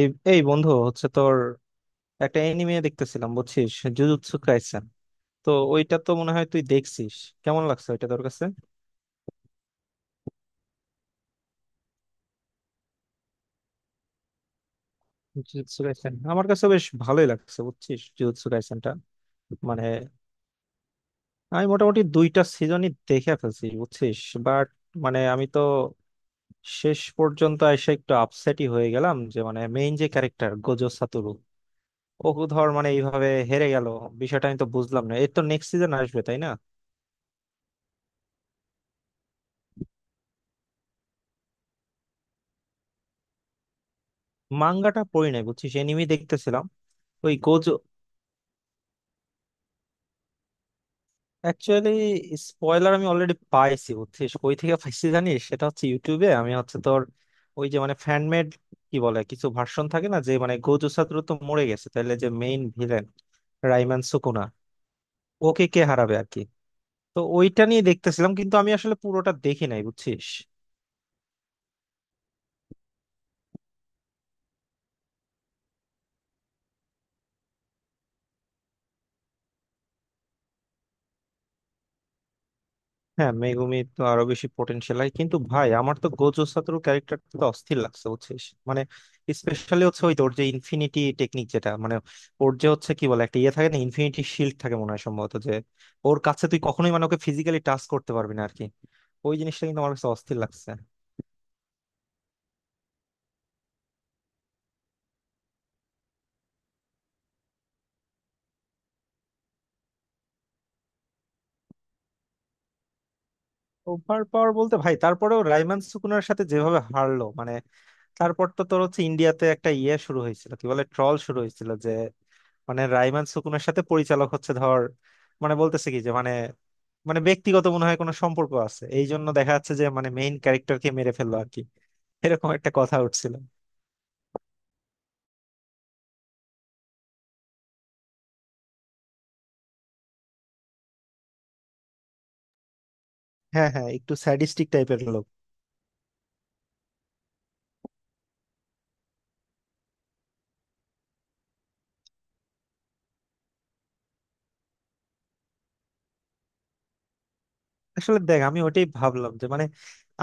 এই এই বন্ধু হচ্ছে তোর একটা এনিমে দেখতেছিলাম বুঝছিস। জুজুৎসু কাইসেন, তো ওইটা তো মনে হয় তুই দেখছিস। কেমন লাগছে ওইটা তোর কাছে? জুজুৎসু কাইসেন আমার কাছে বেশ ভালোই লাগছে বুঝছিস, জুজুৎসু কাইসেনটা। মানে আমি মোটামুটি দুইটা সিজনই দেখে ফেলছি বুঝছিস। বাট মানে আমি তো শেষ পর্যন্ত এসে একটু আপসেটই হয়ে গেলাম যে মানে মেইন যে ক্যারেক্টার গোজো সাতোরু, ও ধর মানে এইভাবে হেরে গেল। বিষয়টা আমি তো বুঝলাম না, এর তো নেক্সট সিজন আসবে তাই না? মাঙ্গাটা পড়ি নাই বুঝছিস, এনিমি দেখতেছিলাম। ওই গোজো, অ্যাকচুয়ালি স্পয়লার আমি অলরেডি পাইছি বুঝছিস। কই থেকে পাইছি জানিস? সেটা হচ্ছে ইউটিউবে। আমি হচ্ছে তোর, ওই যে মানে ফ্যানমেড কি বলে কিছু ভার্সন থাকে না, যে মানে গোজো ছাত্র তো মরে গেছে তাহলে যে মেইন ভিলেন রাইমান সুকুনা, ওকে কে হারাবে আর কি। তো ওইটা নিয়ে দেখতেছিলাম, কিন্তু আমি আসলে পুরোটা দেখি নাই বুঝছিস। হ্যাঁ, মেগুমি তো আরো বেশি পোটেনশিয়াল হয়, কিন্তু ভাই আমার তো গোজো সাতোরু ক্যারেক্টারটা তো অস্থির লাগছে বুঝছিস। মানে স্পেশালি হচ্ছে ওই তোর যে ইনফিনিটি টেকনিক, যেটা মানে ওর যে হচ্ছে কি বলে একটা ইয়ে থাকে না, ইনফিনিটি শিল্ড থাকে মনে হয় সম্ভবত, যে ওর কাছে তুই কখনোই মানে ওকে ফিজিক্যালি টাচ করতে পারবি না আর কি। ওই জিনিসটা কিন্তু আমার কাছে অস্থির লাগছে। ওভার পাওয়ার বলতে ভাই, তারপরেও রাইমান সুকুনার সাথে যেভাবে হারলো মানে, তারপর তো তোর হচ্ছে ইন্ডিয়াতে একটা ইয়ে শুরু হয়েছিল, কি বলে ট্রল শুরু হয়েছিল, যে মানে রাইমান সুকুনার সাথে পরিচালক হচ্ছে ধর, মানে বলতেছে কি যে মানে, মানে ব্যক্তিগত মনে হয় কোনো সম্পর্ক আছে, এই জন্য দেখা যাচ্ছে যে মানে মেইন ক্যারেক্টারকে মেরে ফেললো আর কি। এরকম একটা কথা উঠছিল। হ্যাঁ হ্যাঁ, একটু স্যাডিস্টিক টাইপের লোক। আসলে দেখ আমি ওটাই ভাবলাম যে মানে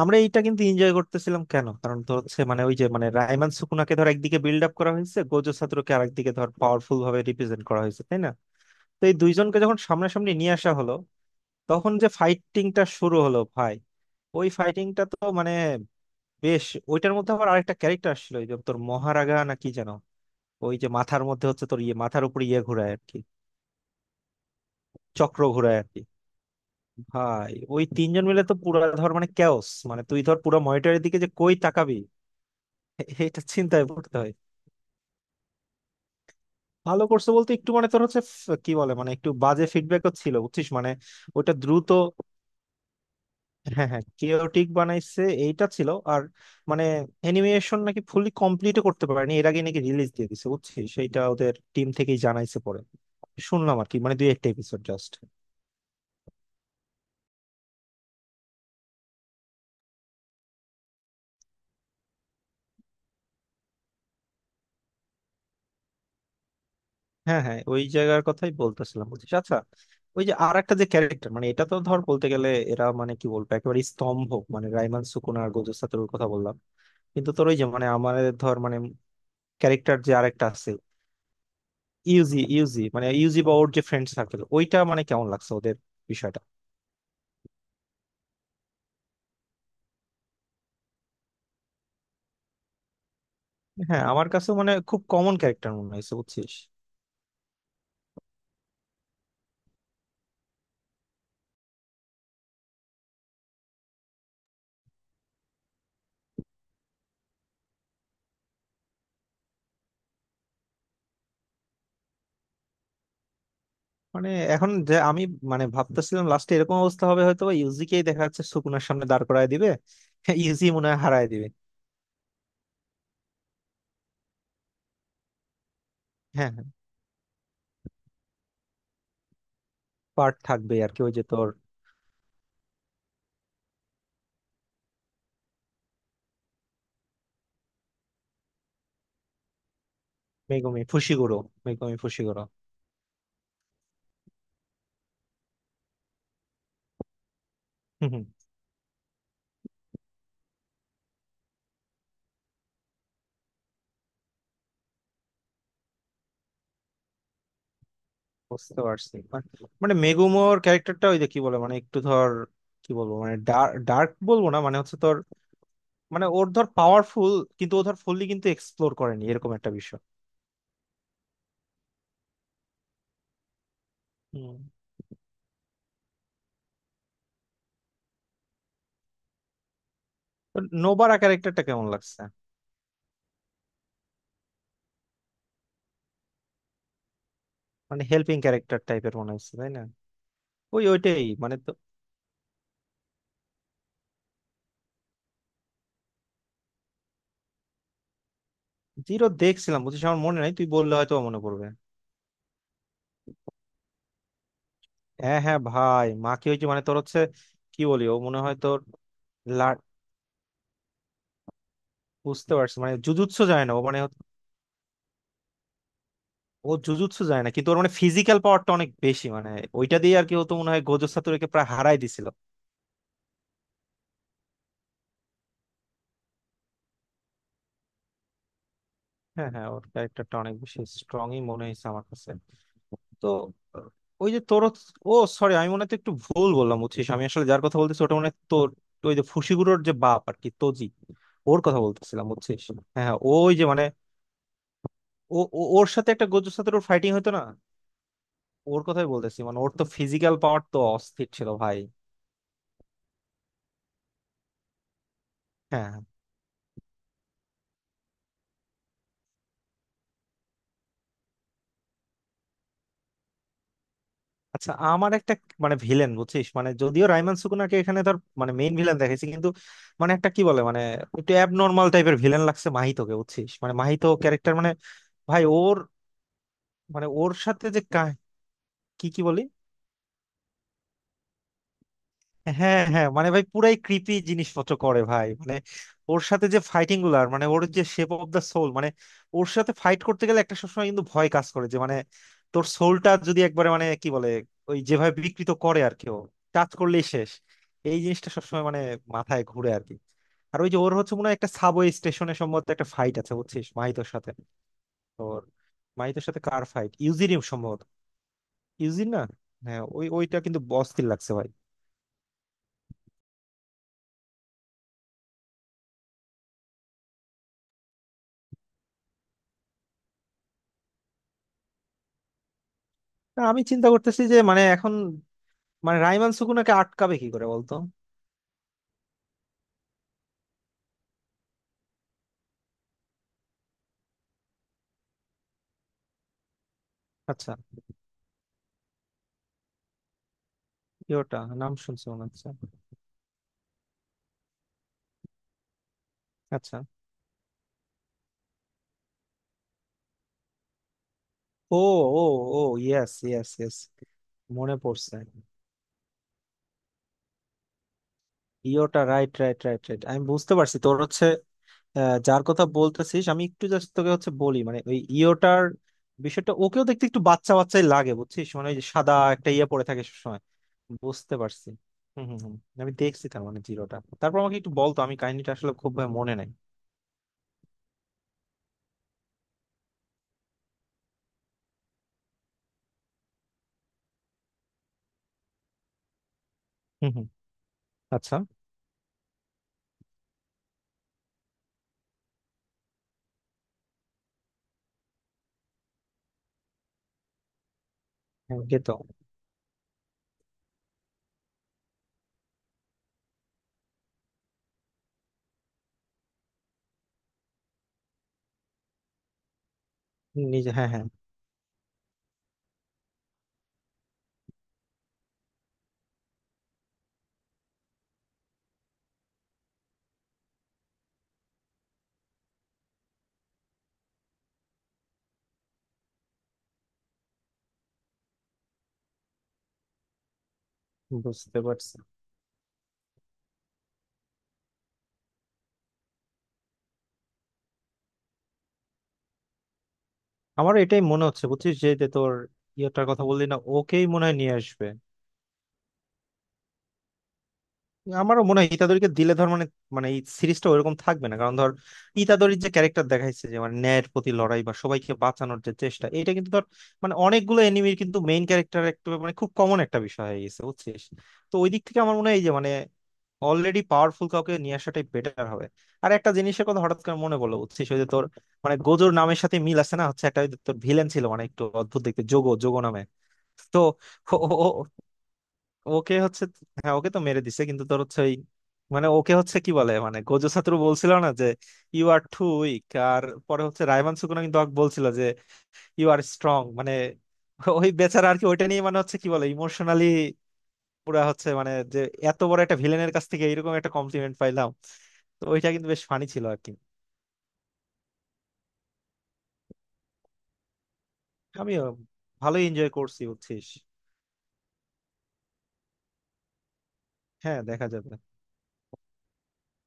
আমরা এইটা কিন্তু এনজয় করতেছিলাম কেন, কারণ তো হচ্ছে মানে ওই যে মানে রায়মান সুকুনাকে ধর একদিকে বিল্ড আপ করা হয়েছে, গোজো ছাত্রকে আরেকদিকে ধর পাওয়ারফুল ভাবে রিপ্রেজেন্ট করা হয়েছে তাই না। তো এই দুইজনকে যখন সামনাসামনি নিয়ে আসা হলো, তখন যে ফাইটিংটা শুরু হলো ভাই, ওই ফাইটিংটা তো মানে বেশ। ওইটার মধ্যে আবার আরেকটা ক্যারেক্টার আসছিল, ওই যে তোর মহারাগা না কি যেন। ওই যে মাথার মধ্যে হচ্ছে তোর ইয়ে, মাথার উপর ইয়ে ঘোরায় আর কি, চক্র ঘোরায় আর কি। ভাই ওই তিনজন মিলে তো পুরা ধর মানে ক্যাওস, মানে তুই ধর পুরো মনিটরের দিকে যে কই তাকাবি, এটা চিন্তায় পড়তে হয়। ভালো করছে বলতে একটু মানে তোর হচ্ছে কি বলে মানে একটু বাজে ফিডব্যাকও ছিল বুঝছিস মানে। ওটা দ্রুত, হ্যাঁ হ্যাঁ কেওটিক বানাইছে এইটা ছিল। আর মানে অ্যানিমেশন নাকি ফুলি কমপ্লিটও করতে পারেনি, এর আগে নাকি রিলিজ দিয়ে দিছে বুঝছিস, সেইটা ওদের টিম থেকেই জানাইছে পরে, শুনলাম আর কি মানে দুই একটা এপিসোড জাস্ট। হ্যাঁ হ্যাঁ, ওই জায়গার কথাই বলতেছিলাম বুঝছিস। আচ্ছা, ওই যে আর একটা যে ক্যারেক্টার মানে এটা তো ধর বলতে গেলে এরা মানে কি বলবো একেবারে স্তম্ভ। মানে রাইমান সুকুনা আর গোজো সাতোরুর কথা বললাম, কিন্তু তোর ওই যে মানে আমাদের ধর মানে ক্যারেক্টার যে আরেকটা আছে। ইউজি ইউজি মানে ইউজি বা ওর যে ফ্রেন্ড সার্কেল, ওইটা মানে কেমন লাগছে ওদের বিষয়টা? হ্যাঁ আমার কাছে মানে খুব কমন ক্যারেক্টার মনে হয়েছে বুঝছিস। মানে এখন যে আমি মানে ভাবতেছিলাম লাস্টে এরকম অবস্থা হবে, হয়তো ইউজিকেই দেখা যাচ্ছে সুকুনার সামনে দাঁড় করায় দিবে। ইউজি মনে হয় হারায় দিবে। হ্যাঁ, পার্ট থাকবে আর কি, ওই যে তোর মেগুমি ফুশিগুরো। Megumi Fushiguro. হুম হুম, বুঝতে পারছি মানে। মানে মেগুমোর ক্যারেক্টারটা ওই যে কি বলে মানে একটু ধর কি বলবো মানে, ডার্ক বলবো না মানে হচ্ছে তোর, মানে ওর ধর পাওয়ারফুল কিন্তু ও ধর ফুললি কিন্তু এক্সপ্লোর করেনি এরকম একটা বিষয়। হুম। তো নোবারা ক্যারেক্টারটা কেমন লাগছে? মানে হেল্পিং ক্যারেক্টার টাইপের মনে হচ্ছে তাই না? ওই ওইটাই মানে তো। জিরো দেখছিলাম বুঝছিস, আমার মনে নাই তুই বললে হয়তো মনে পড়বে। হ্যাঁ হ্যাঁ ভাই, মাকে ওই যে মানে তোর হচ্ছে কি বলি, ও মনে হয় তোর, বুঝতে পারছি মানে জুজুৎসু যায় না ও মানে। ও জুজুৎসু যায় না কিন্তু ওর মানে ফিজিক্যাল পাওয়ারটা অনেক বেশি মানে, ওইটা দিয়ে আর কি হতো, মনে হয় গোজো সাতোরুকে প্রায় হারাই দিছিল। হ্যাঁ হ্যাঁ ওর ক্যারেক্টারটা অনেক বেশি স্ট্রংই মনে হয়েছে আমার কাছে। তো ওই যে তোর, ও সরি আমি মনে হয় তো একটু ভুল বললাম বুঝছিস, আমি আসলে যার কথা বলতেছি ওটা মনে হয় তোর ওই যে ফুশিগুরোর যে বাপ আর কি, তোজি। ওর কথা বলতেছিলাম বুঝছিস। হ্যাঁ হ্যাঁ, ও ওই যে মানে, ও ও- ওর সাথে একটা গোজো সাতোরুর ফাইটিং হতো না, ওর কথাই বলতেছি মানে, ওর তো ফিজিক্যাল পাওয়ার তো অস্থির ছিল ভাই। হ্যাঁ। আচ্ছা আমার একটা মানে ভিলেন বুঝছিস, মানে যদিও রাইমান সুকুনাকে এখানে ধর মানে মেইন ভিলেন দেখাইছি, কিন্তু মানে একটা কি বলে মানে একটু অ্যাবনর্মাল টাইপের ভিলেন লাগছে মাহিতোকে বুঝছিস, মানে মাহিতো ক্যারেক্টার মানে ভাই ওর মানে ওর সাথে যে কি কি বলি। হ্যাঁ হ্যাঁ মানে ভাই পুরাই ক্রিপি জিনিসপত্র করে ভাই মানে, ওর সাথে যে ফাইটিং গুলো, আর মানে ওর যে শেপ অফ দা সোল মানে, ওর সাথে ফাইট করতে গেলে একটা সবসময় কিন্তু ভয় কাজ করে যে মানে তোর সোলটা যদি একবারে মানে কি বলে ওই যেভাবে বিকৃত করে, আর কেউ টাচ করলেই শেষ। এই জিনিসটা সবসময় মানে মাথায় ঘুরে আর কি। আর ওই যে ওর হচ্ছে মনে হয় একটা সাবওয়ে স্টেশনে সম্ভবত একটা ফাইট আছে বুঝছিস, মাহিতোর সাথে তোর। মাহিতোর সাথে কার ফাইট, ইউজিরিয়াম সম্ভবত? ইউজিন না? হ্যাঁ ওই ওইটা কিন্তু অস্থির লাগছে ভাই। তা আমি চিন্তা করতেছি যে মানে এখন মানে রাইমান সুকুনাকে আটকাবে কি করে বলতো। আচ্ছা, কি ওটা, নাম শুনছি মনে হচ্ছে। আচ্ছা। ও ও ও ইয়েস ইয়েস ইয়েস, মনে পড়ছে। Yuta, right right right right, আমি বুঝতে পারছি তোর হচ্ছে। আহ, যার কথা বলতেছিস আমি একটু জাস্ট তোকে হচ্ছে বলি মানে, ওই ইয়োটার বিষয়টা, ওকেও দেখতে একটু বাচ্চা বাচ্চাই লাগে বুঝছিস, মানে ওই যে সাদা একটা ইয়ে পড়ে থাকে সবসময়। বুঝতে পারছি। হুম হুম হুম। আমি দেখছি তার মানে জিরোটা, তারপর আমাকে একটু বলতো আমি কাহিনীটা আসলে খুব ভাবে মনে নাই। হুম হুম। আচ্ছা। হ্যাঁ, ওকে তো নিজে, হ্যাঁ হ্যাঁ। বুঝতে পারছি। আমারও এটাই মনে হচ্ছে বুঝছিস, যে যে তোর ইয়েটার কথা বললি না, ওকেই মনে হয় নিয়ে আসবে। আমারও মনে হয় ইতাদোরিকে দিলে ধর মানে, মানে এই সিরিজটা ওইরকম থাকবে না, কারণ ধর ইতাদোরির যে ক্যারেক্টার দেখাইছে যে মানে ন্যায়ের প্রতি লড়াই বা সবাইকে বাঁচানোর যে চেষ্টা, এটা কিন্তু ধর মানে অনেকগুলো এনিমির কিন্তু মেইন ক্যারেক্টার একটা মানে খুব কমন একটা বিষয় হয়ে গেছে বুঝছিস। তো ওই দিক থেকে আমার মনে হয় এই যে মানে অলরেডি পাওয়ারফুল কাউকে নিয়ে আসাটাই বেটার হবে। আর একটা জিনিসের কথা হঠাৎ করে মনে পড়লো বুঝছিস, ওই যে তোর মানে গোজোর নামের সাথে মিল আছে না, হচ্ছে একটা ওই যে তোর ভিলেন ছিল মানে একটু অদ্ভুত দেখতে, যোগো, যোগো নামে। তো ও- ও- ওকে হচ্ছে, হ্যাঁ ওকে তো মেরে দিছে, কিন্তু তোর হচ্ছে ওই মানে ওকে হচ্ছে কি বলে মানে গোজো ছাত্র বলছিল না যে ইউ আর টু উইক, আর পরে হচ্ছে রায়মান সুকুনা কিন্তু ওকে বলছিল যে ইউ আর স্ট্রং মানে, ওই বেচারা আর কি, ওইটা নিয়ে মানে হচ্ছে কি বলে ইমোশনালি পুরা হচ্ছে মানে যে এত বড় একটা ভিলেনের কাছ থেকে এরকম একটা কমপ্লিমেন্ট পাইলাম। তো ওইটা কিন্তু বেশ ফানি ছিল আর কি। আমিও ভালোই এনজয় করছি বুঝছিস। হ্যাঁ দেখা যাবে।